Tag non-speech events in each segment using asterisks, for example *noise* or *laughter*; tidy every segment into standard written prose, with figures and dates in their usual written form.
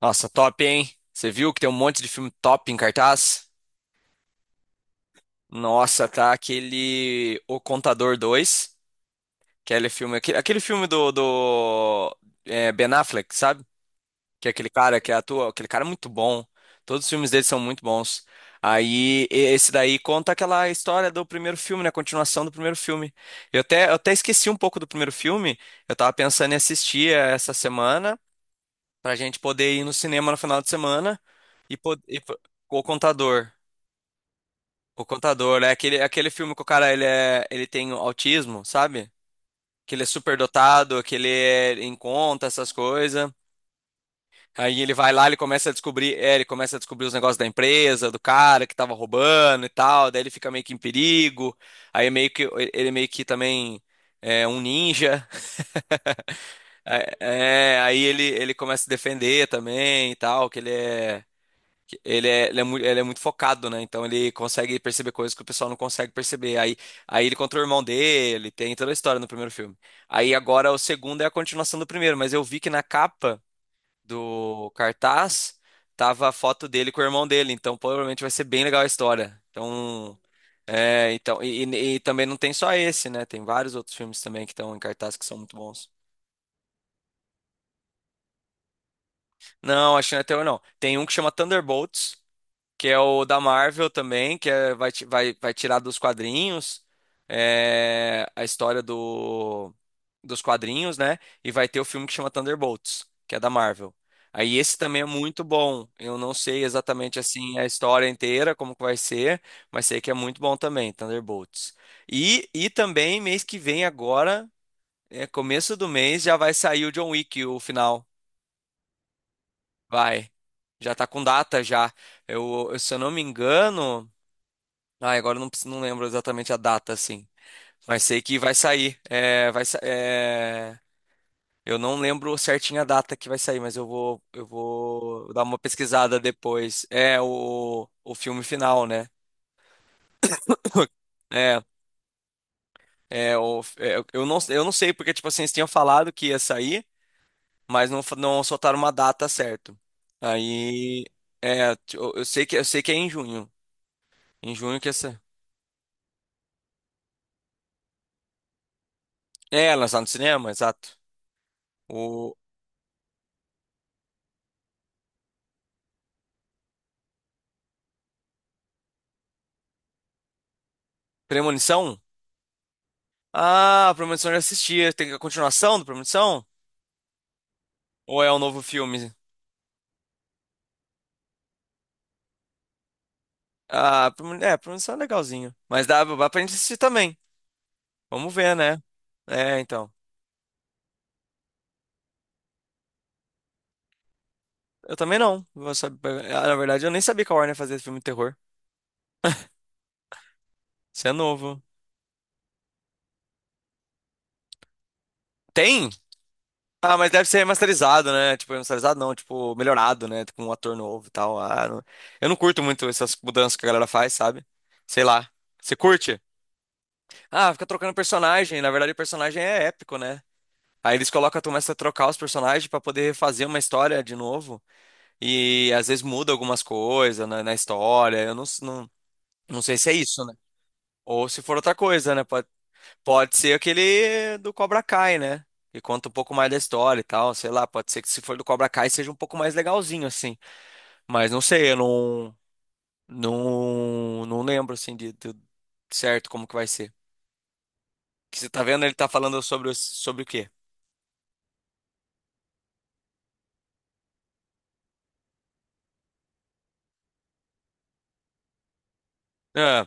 Nossa, top, hein? Você viu que tem um monte de filme top em cartaz? Nossa, tá aquele O Contador 2, que é aquele filme, aquele filme do Ben Affleck, sabe? Que é aquele cara que atua, aquele cara é muito bom. Todos os filmes dele são muito bons. Aí esse daí conta aquela história do primeiro filme, né? A continuação do primeiro filme. Eu até esqueci um pouco do primeiro filme. Eu tava pensando em assistir essa semana. Pra gente poder ir no cinema no final de semana e, po- e po- o contador. O contador, é aquele filme que o cara ele tem autismo, sabe? Que ele é super dotado, que ele é em conta, essas coisas. Aí ele vai lá, ele começa a descobrir os negócios da empresa, do cara que tava roubando e tal, daí ele fica meio que em perigo. Aí meio que ele meio que também é um ninja. *laughs* É, é, aí ele começa a se defender também e tal, que ele é. Ele é muito focado, né? Então ele consegue perceber coisas que o pessoal não consegue perceber. Aí ele contra o irmão dele, tem toda a história no primeiro filme. Aí agora o segundo é a continuação do primeiro, mas eu vi que na capa do cartaz tava a foto dele com o irmão dele, então provavelmente vai ser bem legal a história. Então, e também não tem só esse, né? Tem vários outros filmes também que estão em cartaz que são muito bons. Não, acho que não é terror, não. Tem um que chama Thunderbolts. Que é o da Marvel também, que é, vai tirar dos quadrinhos, a história dos quadrinhos, né? E vai ter o filme que chama Thunderbolts, que é da Marvel. Aí esse também é muito bom. Eu não sei exatamente assim a história inteira, como que vai ser, mas sei que é muito bom também, Thunderbolts. E também mês que vem agora, começo do mês, já vai sair o John Wick, o final. Vai. Já tá com data já. Se eu não me engano. Ah, agora eu não, preciso- não lembro exatamente a data, assim. Mas sei que vai sair. Eu não lembro certinho a data que vai sair, mas eu vou dar uma pesquisada depois. É o filme final, né? É, eu não sei, porque, tipo assim, eles tinham falado que ia sair, mas não soltaram uma data certa. Aí, eu sei que é em junho. Em junho que essa. É, lançado no cinema, exato. O Premonição? Ah, Premonição eu já assisti. Tem a continuação do Premonição? Ou é um novo filme? Ah, Premonição é legalzinho. Mas dá pra gente assistir também. Vamos ver, né? É, então. Eu também não. Ah, na verdade, eu nem sabia que a Warner fazia filme de terror. Isso é novo. Tem? Ah, mas deve ser remasterizado, né? Tipo, remasterizado não, tipo, melhorado, né? Com um ator novo e tal. Ah, não- Eu não curto muito essas mudanças que a galera faz, sabe? Sei lá. Você curte? Ah, fica trocando personagem. Na verdade, o personagem é épico, né? Aí eles colocam, começa a trocar os personagens pra poder fazer uma história de novo. E às vezes muda algumas coisas na história. Eu não, s- não, não sei se é isso, né? Ou se for outra coisa, né? Pode ser aquele do Cobra Kai, né? Que conta um pouco mais da história e tal, sei lá. Pode ser que se for do Cobra Kai seja um pouco mais legalzinho, assim. Mas não sei, eu não lembro, assim, certo como que vai ser. Que você tá vendo, ele tá falando sobre o quê? Ah,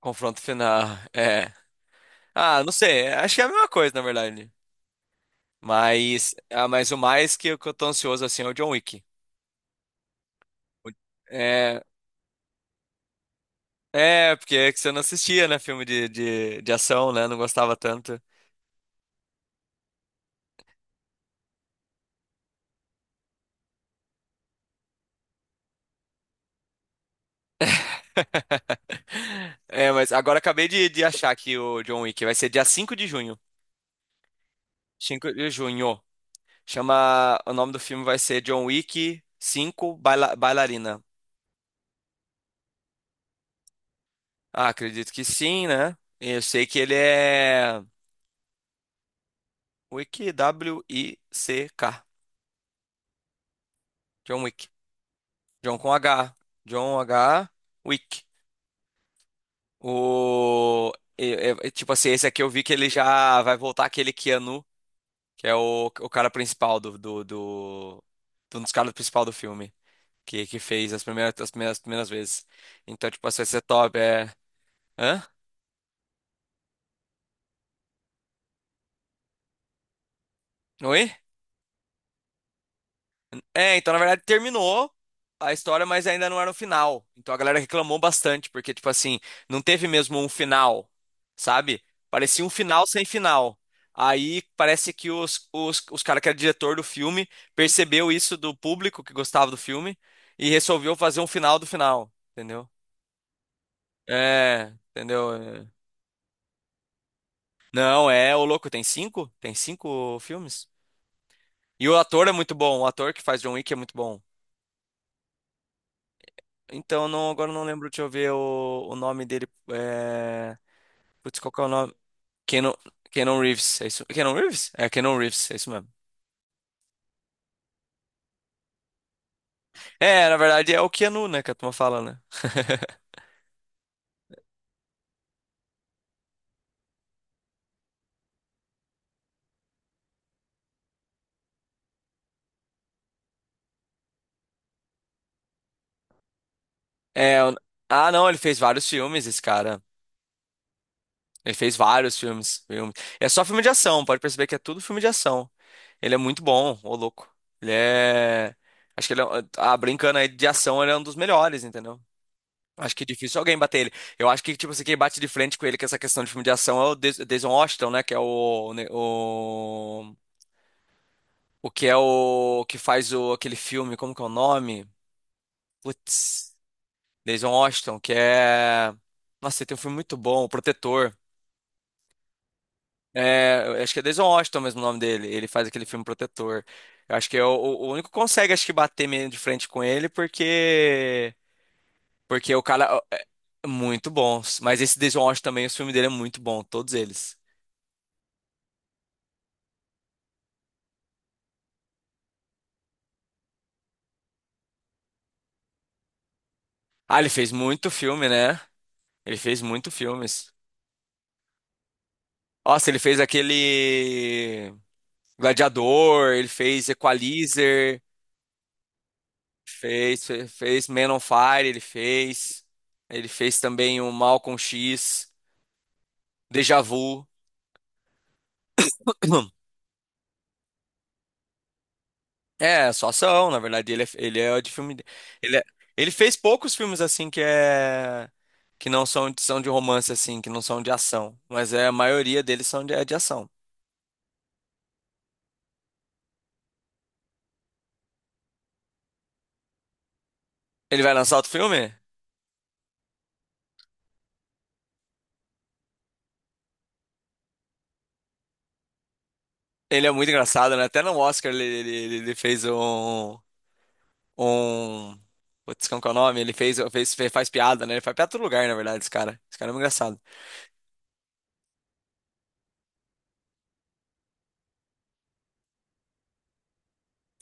confronto final. É. Ah, não sei. Acho que é a mesma coisa, na verdade. Mas o mais que eu tô ansioso assim é o John Wick. O- É, é, porque é que você não assistia, né? Filme de ação, né? Não gostava tanto. *laughs* É, mas agora acabei de achar aqui o John Wick. Vai ser dia cinco de junho. 5 de junho. Chama. O nome do filme vai ser John Wick cinco Bailarina. Ah, acredito que sim, né? Eu sei que ele é. Wick, W-I-C-K. John Wick. John com H. John H. Wick. O... é- é- é tipo assim, esse aqui eu vi que ele já vai voltar aquele Keanu, que é o cara principal. Um dos caras principal do filme. Que fez as primeiras vezes. Então, tipo assim, vai ser top. É... Hã? Oi? É, então, na verdade, terminou a história, mas ainda não era o final. Então a galera reclamou bastante, porque, tipo assim, não teve mesmo um final, sabe? Parecia um final sem final. Aí parece que os caras que era diretor do filme percebeu isso do público que gostava do filme e resolveu fazer um final do final, entendeu? É, entendeu? É. Não, é, ô louco, tem cinco? Tem cinco filmes? E o ator é muito bom, o ator que faz John Wick é muito bom. Então, não, agora eu não lembro, deixa eu ver o nome dele. É... Putz, qual que é o nome? Keanu, Keanu Reeves, é isso? Keanu Reeves? É, Keanu Reeves, é isso mesmo. É, na verdade é o Keanu, né, que a turma fala, né? *laughs* É, o- ah, não, ele fez vários filmes, esse cara. Ele fez vários filmes. É só filme de ação, pode perceber que é tudo filme de ação. Ele é muito bom, ô louco. Ele é. Acho que ele é. Ah, brincando aí de ação, ele é um dos melhores, entendeu? Acho que é difícil alguém bater ele. Eu acho que, tipo assim, quem bate de frente com ele com essa questão de filme de ação é o Denzel Washington, né? Que é o, né, o. O que é o. Que faz o, aquele filme, como que é o nome? Putz. Denzel Washington, que é. Nossa, ele tem um filme muito bom, O Protetor. É, eu acho que é Denzel Washington mesmo o nome dele. Ele faz aquele filme Protetor. Eu acho que é o único que consegue, acho que, bater meio de frente com ele, porque. Porque o cara. É muito bons. Mas esse Denzel Washington também, o filme dele é muito bom, todos eles. Ah, ele fez muito filme, né? Ele fez muito filmes. Nossa, ele fez aquele Gladiador, ele fez Equalizer, fez Man on Fire, ele fez. Ele fez também o Malcolm X, Deja Vu. *clears throat* É, só ação, na verdade, ele é de filme. Ele, é- ele fez poucos filmes assim que não são, são de romance assim, que não são de ação, mas é a maioria deles são de ação. Ele vai lançar outro filme? Ele é muito engraçado, né? Até no Oscar ele fez um, um. Putz, como que é o nome? Ele faz piada, né? Ele faz piada em todo lugar, na verdade, esse cara. Esse cara é muito engraçado.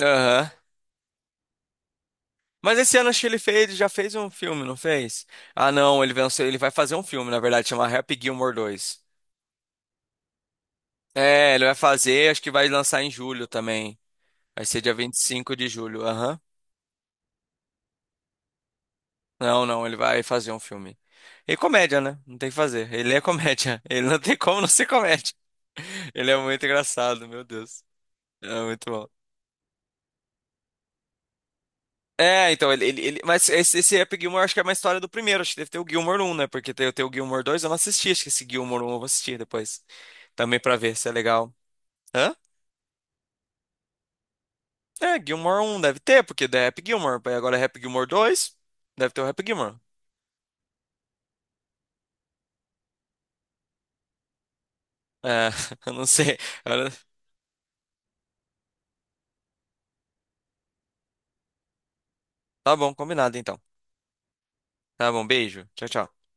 Aham. Mas esse ano acho que ele já fez um filme, não fez? Ah, não, ele vai fazer um filme, na verdade, chama Happy Gilmore dois. É, ele vai fazer, acho que vai lançar em julho também. Vai ser dia 25 de julho, aham. Não, não, ele vai fazer um filme. E comédia, né? Não tem o que fazer. Ele é comédia. *laughs* Ele não tem como não ser comédia. Ele é muito engraçado, meu Deus. É muito bom. Mas esse Happy Gilmore acho que é uma história do primeiro. Acho que deve ter o Gilmore um, né? Porque tem o Gilmore 2. Eu não assisti. Acho que esse Gilmore um eu vou assistir depois. Também pra ver se é legal. Hã? É, Gilmore um deve ter, porque é Happy Gilmore. Aí agora é Happy Gilmore dois. Deve ter o Happy Gilmore. É, *laughs* eu não sei. Agora- Tá bom, combinado então. Tá bom, beijo. Tchau, tchau.